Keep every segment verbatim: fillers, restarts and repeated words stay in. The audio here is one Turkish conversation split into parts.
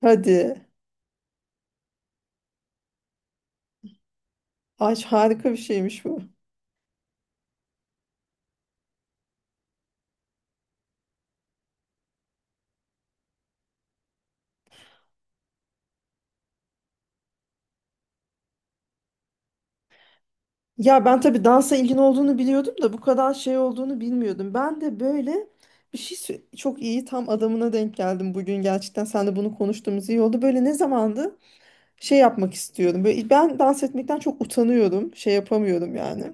Hadi. Ay harika bir şeymiş bu. Ya ben tabii dansa ilgin olduğunu biliyordum da bu kadar şey olduğunu bilmiyordum. Ben de böyle bir şey sö- çok iyi tam adamına denk geldim bugün gerçekten. Sen de bunu konuştuğumuz iyi oldu. Böyle ne zamandı şey yapmak istiyorum. Böyle ben dans etmekten çok utanıyorum. Şey yapamıyorum yani.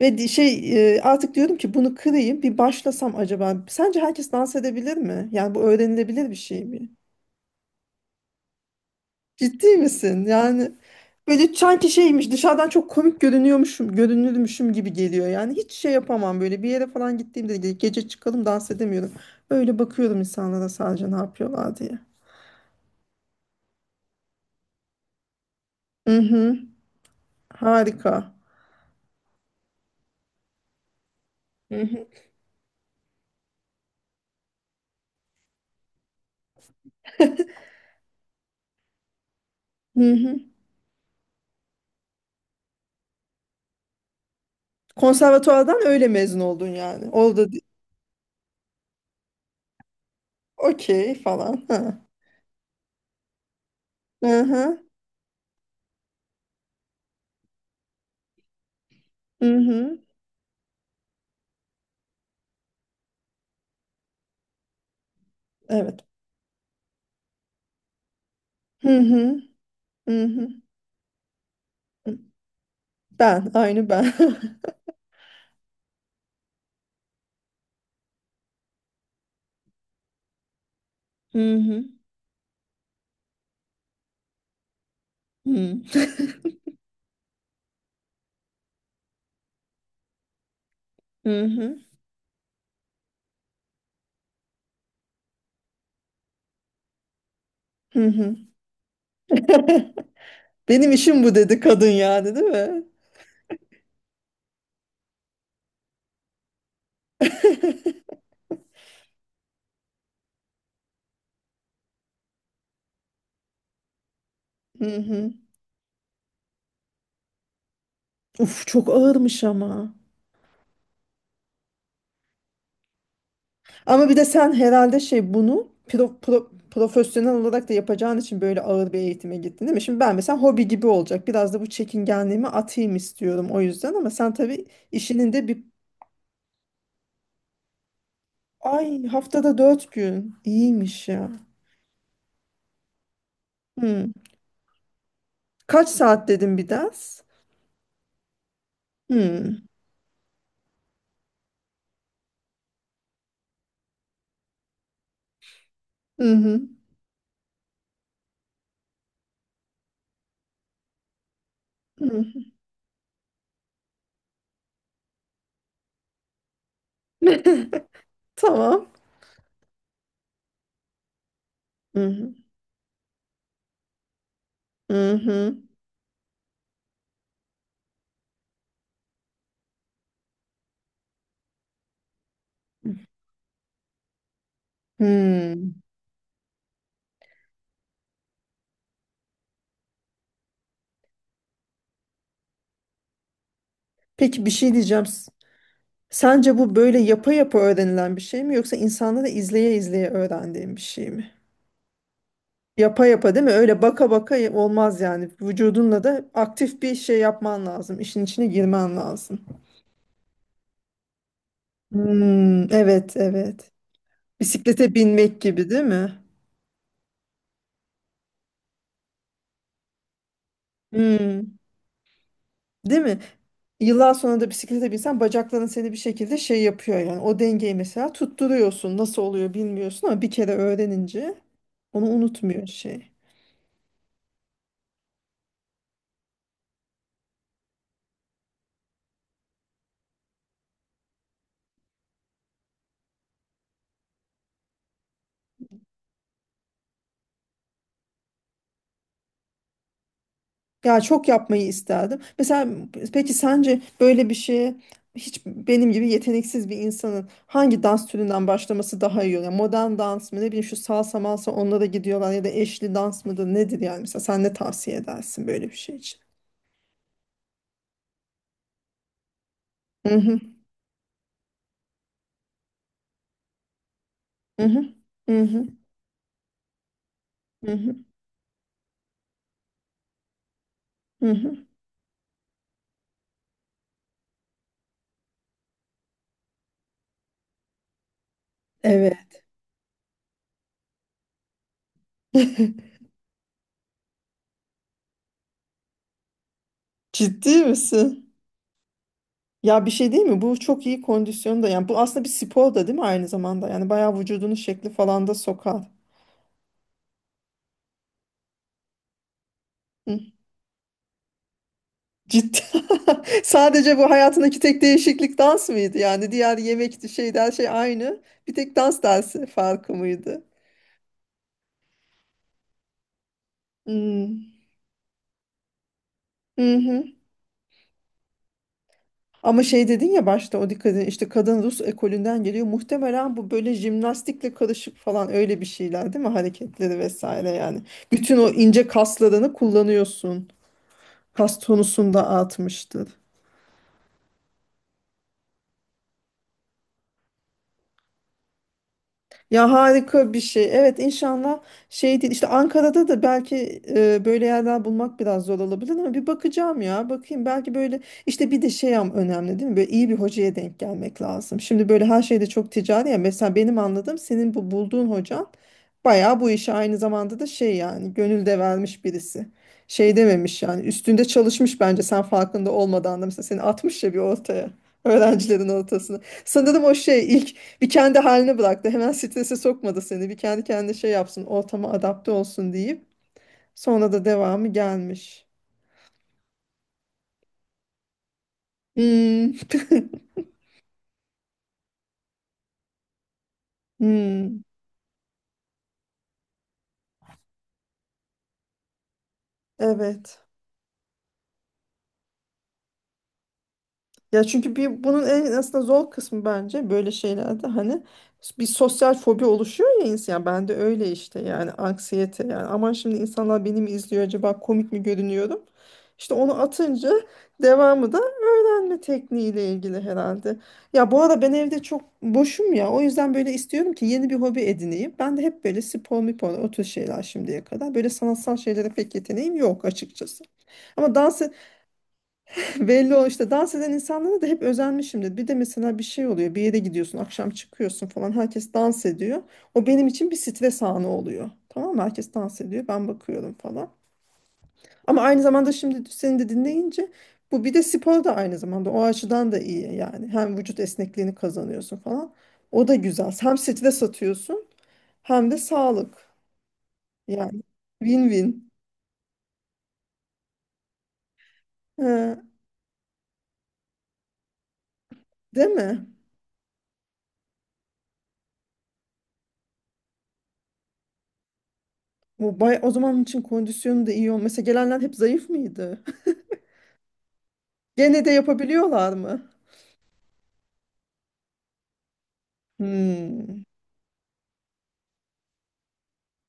Ve di- şey e, artık diyorum ki bunu kırayım bir başlasam acaba. Sence herkes dans edebilir mi? Yani bu öğrenilebilir bir şey mi? Ciddi misin? Yani böyle sanki şeymiş dışarıdan çok komik görünüyormuşum, görünürmüşüm gibi geliyor. Yani hiç şey yapamam böyle bir yere falan gittiğimde ge- gece çıkalım dans edemiyorum. Öyle bakıyorum insanlara sadece ne yapıyorlar diye. Hı hı. Harika. Hı hı. Hı hı. Konservatuvardan öyle mezun oldun yani. Orada di- okey falan. Ha. Hı hı. Hı hı. Evet. Hı hı. Hı hı. Ben, aynı ben. Hı hı. Hı hı. Hı hı. Hı hı. Benim işim bu dedi kadın yani değil mi? Hı hı. Uf çok ağırmış ama. Ama bir de sen herhalde şey bunu pro- pro- profesyonel olarak da yapacağın için böyle ağır bir eğitime gittin değil mi? Şimdi ben mesela hobi gibi olacak. Biraz da bu çekingenliğimi atayım istiyorum o yüzden ama sen tabii işinin de bir ay haftada dört gün. İyiymiş ya. Hı. Kaç saat dedim bir ders? Hı. Hı hı. Hı. Tamam. Hı hı. Hı hı. Hı. Peki bir şey diyeceğim. Sence bu böyle yapa yapa öğrenilen bir şey mi yoksa insanda da izleye izleye öğrendiğin bir şey mi? Yapa yapa değil mi? Öyle baka baka y- olmaz yani. Vücudunla da aktif bir şey yapman lazım. İşin içine girmen lazım. Hmm, evet evet. Bisiklete binmek gibi değil mi? Hmm, değil mi? Yıllar sonra da bisiklete binsen bacakların seni bir şekilde şey yapıyor yani. O dengeyi mesela tutturuyorsun. Nasıl oluyor bilmiyorsun ama bir kere öğrenince onu unutmuyor şey. Ya çok yapmayı isterdim. Mesela peki sence böyle bir şeye hiç benim gibi yeteneksiz bir insanın hangi dans türünden başlaması daha iyi olur? Yani modern dans mı ne bileyim şu salsa malsa onlara gidiyorlar ya da eşli dans mıdır nedir yani mesela sen ne tavsiye edersin böyle bir şey için? Hı hı hı hı hı hı hı hı. Hı hı. Evet. Ciddi misin? Ya bir şey değil mi? Bu çok iyi kondisyonda yani bu aslında bir spor da değil mi aynı zamanda? Yani bayağı vücudunu şekli falan da sokar. Ciddi. Sadece bu hayatındaki tek değişiklik dans mıydı? Yani diğer yemekti, şeydi, her şey aynı. Bir tek dans dersi farkı mıydı? Hmm. Hı hı. Ama şey dedin ya başta o dikkat edin işte kadın Rus ekolünden geliyor. Muhtemelen bu böyle jimnastikle karışık falan öyle bir şeyler değil mi? Hareketleri vesaire yani. Bütün o ince kaslarını kullanıyorsun. Kas tonusunda artmıştır. Ya harika bir şey. Evet inşallah şey değil. İşte Ankara'da da belki e, böyle yerler bulmak biraz zor olabilir ama bir bakacağım ya. Bakayım belki böyle işte bir de şey am- önemli değil mi? Böyle iyi bir hocaya denk gelmek lazım. Şimdi böyle her şeyde çok ticari ya. Mesela benim anladığım senin bu bulduğun hocan bayağı bu işe aynı zamanda da şey yani gönül de vermiş birisi. Şey dememiş yani üstünde çalışmış bence sen farkında olmadan da mesela seni atmış ya bir ortaya. Öğrencilerin ortasına. Sanırım o şey bir kendi haline bıraktı. Hemen strese sokmadı seni. Bir kendi kendine şey yapsın, ortama adapte olsun deyip sonra da devamı gelmiş. Hmm. Hmm. Evet. Ya çünkü bir bunun en aslında zor kısmı bence böyle şeylerde hani bir sosyal fobi oluşuyor ya insan. Ben de öyle işte yani anksiyete yani aman şimdi insanlar beni mi izliyor acaba komik mi görünüyorum? İşte onu atınca devamı da öğrenme tekniğiyle ilgili herhalde. Ya bu ara ben evde çok boşum ya o yüzden böyle istiyorum ki yeni bir hobi edineyim. Ben de hep böyle spor mipor o tür şeyler şimdiye kadar. Böyle sanatsal şeylere pek yeteneğim yok açıkçası. Ama dans. Belli o işte dans eden insanlara da hep özenmişimdir. Bir de mesela bir şey oluyor. Bir yere gidiyorsun, akşam çıkıyorsun falan. Herkes dans ediyor. O benim için bir stres anı oluyor. Tamam mı? Herkes dans ediyor. Ben bakıyorum falan. Ama aynı zamanda şimdi seni de dinleyince bu bir de spor da aynı zamanda o açıdan da iyi yani. Hem vücut esnekliğini kazanıyorsun falan. O da güzel. Hem stres atıyorsun hem de sağlık. Yani win-win. Ee, değil mi? Bu bay o zaman için kondisyonu da iyi olmasa gelenler hep zayıf mıydı? Gene de yapabiliyorlar mı? Hmm.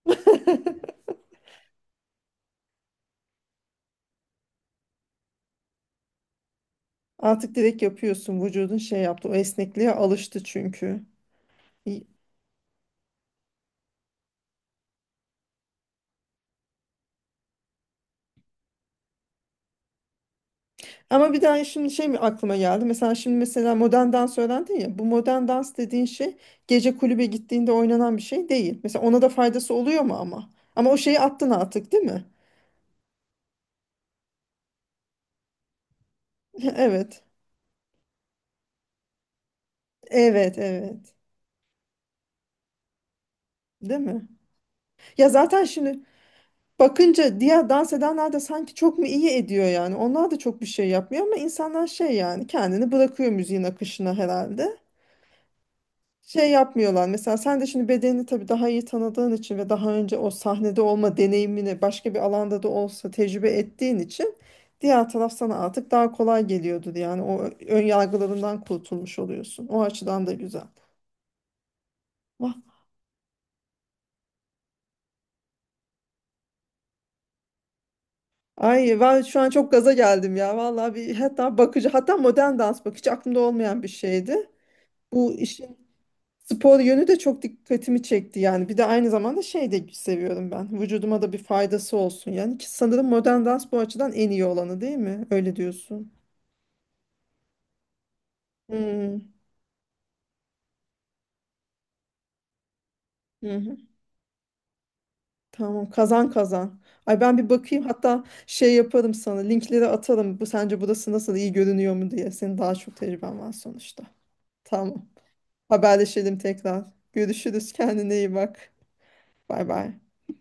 Artık direkt yapıyorsun. Vücudun şey yaptı. O esnekliğe alıştı çünkü. İyi. Ama bir daha şimdi şey mi aklıma geldi. Mesela şimdi mesela modern dans öğrendin ya. Bu modern dans dediğin şey gece kulübe gittiğinde oynanan bir şey değil. Mesela ona da faydası oluyor mu ama? Ama o şeyi attın artık değil mi? Evet. Evet, evet. Değil mi? Ya zaten şimdi bakınca diğer dans edenler de sanki çok mu iyi ediyor yani. Onlar da çok bir şey yapmıyor ama insanlar şey yani kendini bırakıyor müziğin akışına herhalde. Şey yapmıyorlar. Mesela sen de şimdi bedenini tabii daha iyi tanıdığın için ve daha önce o sahnede olma deneyimini başka bir alanda da olsa tecrübe ettiğin için diğer taraf sana artık daha kolay geliyordur. Yani o ön yargılarından kurtulmuş oluyorsun. O açıdan da güzel. Vah. Ay ben şu an çok gaza geldim ya. Vallahi bir hatta bakıcı hatta modern dans bakıcı aklımda olmayan bir şeydi. Bu işin spor yönü de çok dikkatimi çekti yani. Bir de aynı zamanda şey de seviyorum ben. Vücuduma da bir faydası olsun yani. Ki sanırım modern dans bu açıdan en iyi olanı değil mi? Öyle diyorsun. Hmm. Hı hı. Tamam kazan kazan. Ay ben bir bakayım hatta şey yaparım sana linkleri atarım. Bu sence burası nasıl iyi görünüyor mu diye. Senin daha çok tecrüben var sonuçta. Tamam. Haberleşelim tekrar. Görüşürüz. Kendine iyi bak. Bay bay.